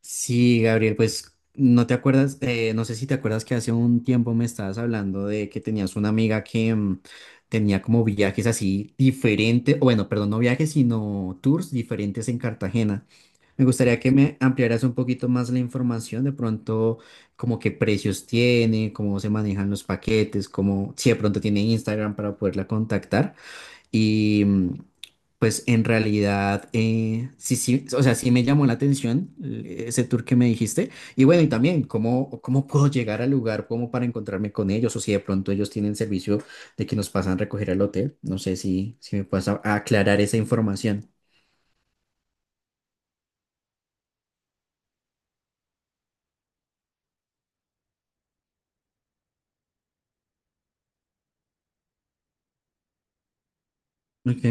Sí, Gabriel, pues no te acuerdas, no sé si te acuerdas que hace un tiempo me estabas hablando de que tenías una amiga que tenía como viajes así diferentes, bueno, perdón, no viajes, sino tours diferentes en Cartagena. Me gustaría que me ampliaras un poquito más la información, de pronto, como qué precios tiene, cómo se manejan los paquetes, como si de pronto tiene Instagram para poderla contactar. Y pues en realidad, sí, sí, o sea, sí me llamó la atención, ese tour que me dijiste. Y bueno, y también, ¿cómo puedo llegar al lugar como para encontrarme con ellos? O si de pronto ellos tienen servicio de que nos pasan a recoger al hotel. No sé si me puedes aclarar esa información. Ok,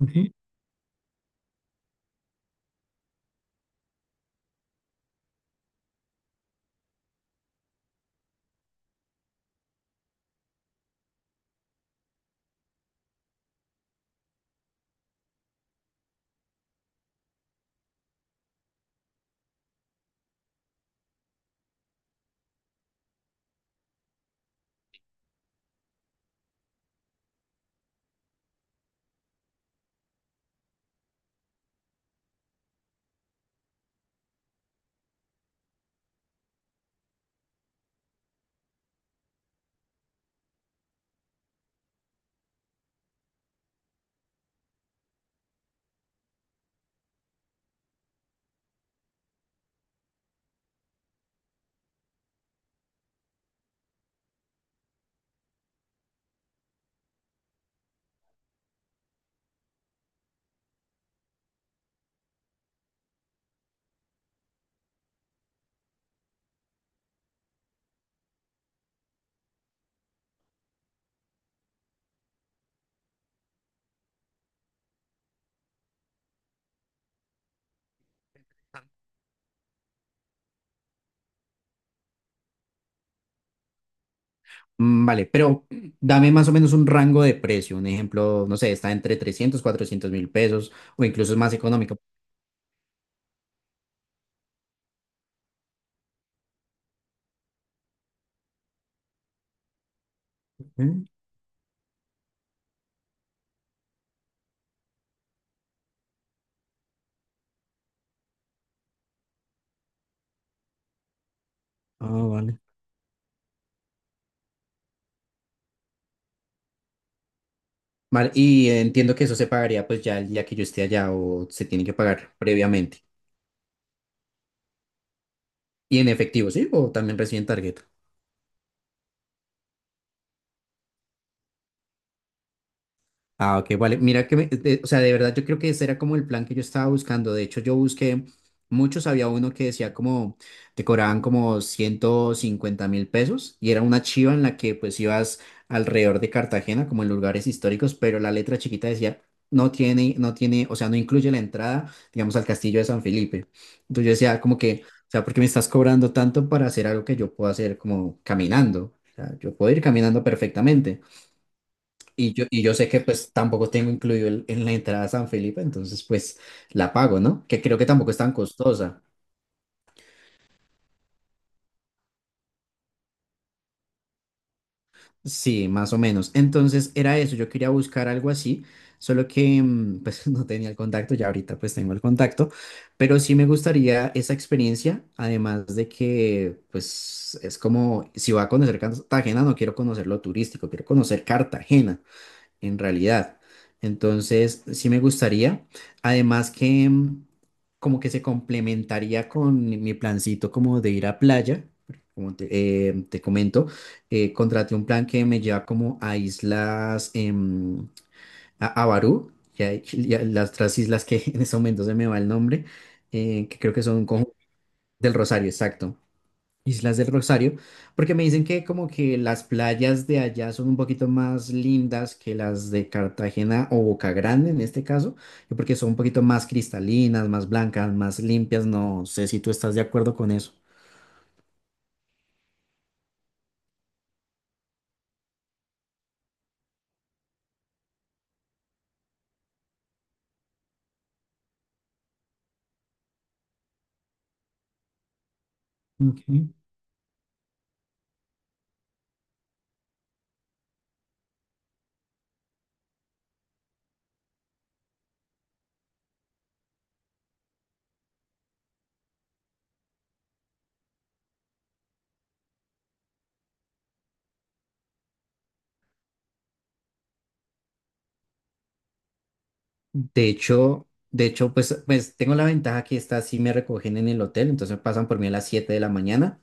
ok. Vale, pero dame más o menos un rango de precio. Un ejemplo, no sé, está entre 300 400.000 pesos o incluso es más económico. Ok. Ah, vale. Vale, y entiendo que eso se pagaría pues ya el día que yo esté allá o se tiene que pagar previamente. Y en efectivo, ¿sí? O también reciben tarjeta. Ah, ok, vale. Mira que, o sea, de verdad yo creo que ese era como el plan que yo estaba buscando. De hecho, yo busqué muchos, había uno que decía como, te cobraban como 150.000 pesos y era una chiva en la que pues ibas alrededor de Cartagena, como en lugares históricos, pero la letra chiquita decía, no tiene, no tiene, o sea, no incluye la entrada, digamos, al castillo de San Felipe. Entonces yo decía como que, o sea, ¿por qué me estás cobrando tanto para hacer algo que yo puedo hacer como caminando? O sea, yo puedo ir caminando perfectamente. Y yo sé que pues tampoco tengo incluido en la entrada a San Felipe, entonces pues la pago, ¿no? Que creo que tampoco es tan costosa. Sí, más o menos. Entonces era eso, yo quería buscar algo así, solo que pues no tenía el contacto, ya ahorita pues tengo el contacto, pero sí me gustaría esa experiencia, además de que pues es como, si voy a conocer Cartagena, no quiero conocer lo turístico, quiero conocer Cartagena, en realidad. Entonces, sí me gustaría. Además que como que se complementaría con mi plancito como de ir a playa. Como te comento, contraté un plan que me lleva como a islas, a Barú, y a las otras islas que en ese momento se me va el nombre, que creo que son Conjunto del Rosario, exacto. Islas del Rosario, porque me dicen que como que las playas de allá son un poquito más lindas que las de Cartagena o Boca Grande en este caso, y porque son un poquito más cristalinas, más blancas, más limpias, no sé si tú estás de acuerdo con eso. Ujú. De hecho, pues tengo la ventaja que estas sí me recogen en el hotel, entonces pasan por mí a las 7 de la mañana.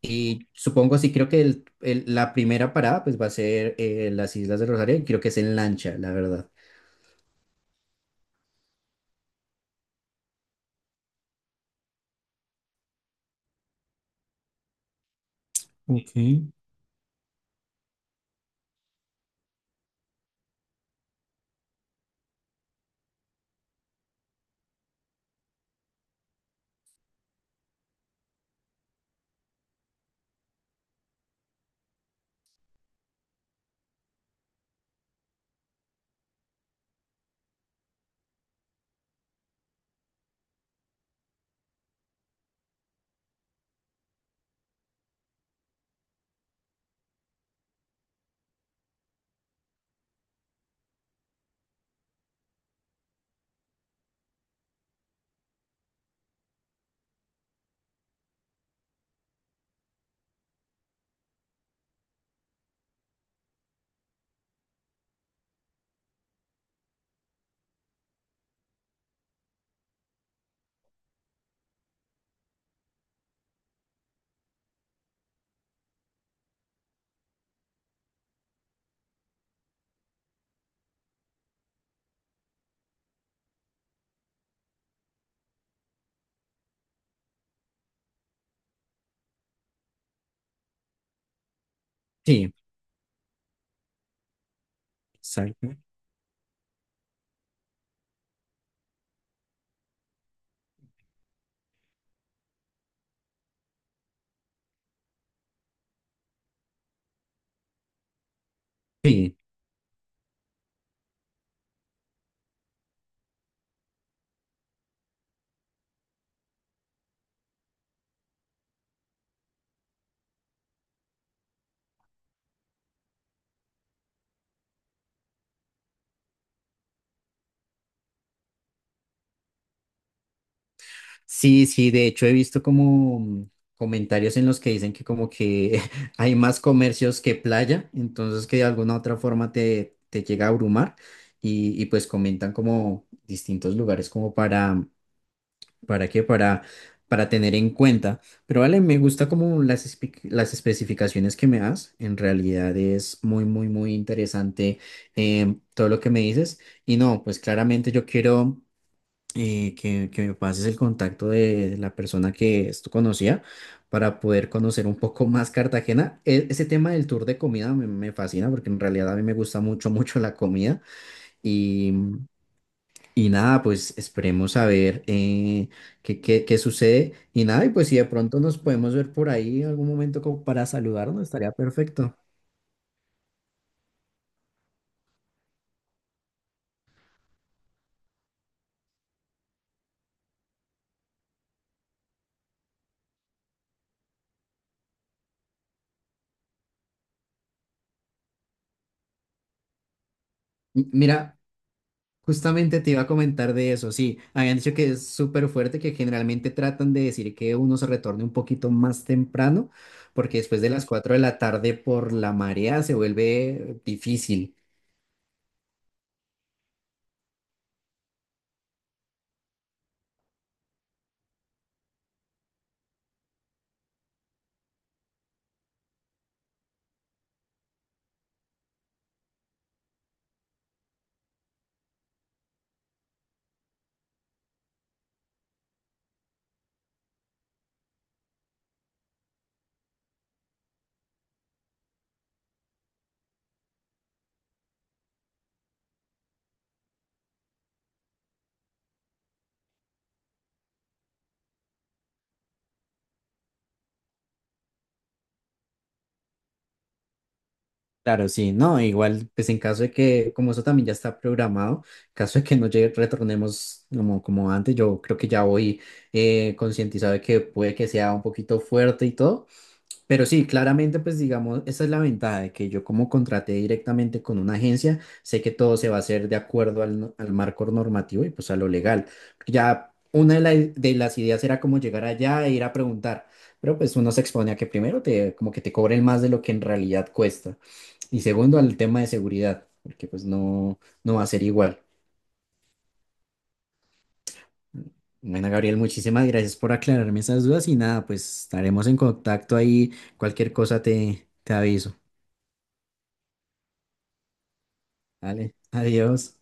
Y supongo, sí, creo que la primera parada pues va a ser, las Islas del Rosario, y creo que es en lancha, la verdad. Ok. Sí. Exacto. Sí, sí, sí, de hecho he visto como comentarios en los que dicen que como que hay más comercios que playa, entonces que de alguna otra forma te llega a abrumar y pues comentan como distintos lugares como ¿para qué? Para tener en cuenta. Pero vale, me gusta como las especificaciones que me das, en realidad es muy, muy, muy interesante, todo lo que me dices. Y no, pues claramente yo quiero, que me pases el contacto de la persona que esto conocía para poder conocer un poco más Cartagena. Ese tema del tour de comida me fascina porque en realidad a mí me gusta mucho, mucho la comida y, y nada, pues esperemos a ver, qué sucede y nada, y pues si de pronto nos podemos ver por ahí en algún momento como para saludarnos, estaría perfecto. Mira, justamente te iba a comentar de eso, sí, habían dicho que es súper fuerte, que generalmente tratan de decir que uno se retorne un poquito más temprano, porque después de las 4 de la tarde por la marea se vuelve difícil. Claro, sí, no, igual, pues en caso de que, como eso también ya está programado, caso de que no retornemos como antes, yo creo que ya voy concientizado de que puede que sea un poquito fuerte y todo. Pero sí, claramente, pues digamos, esa es la ventaja de que yo como contraté directamente con una agencia, sé que todo se va a hacer de acuerdo al, no- al marco normativo y pues a lo legal. Ya una de las ideas era como llegar allá e ir a preguntar, pero pues uno se expone a que primero te, como que te cobren más de lo que en realidad cuesta. Y segundo, al tema de seguridad, porque pues no va a ser igual. Bueno, Gabriel, muchísimas gracias por aclararme esas dudas y nada, pues estaremos en contacto ahí. Cualquier cosa te aviso. Dale, adiós.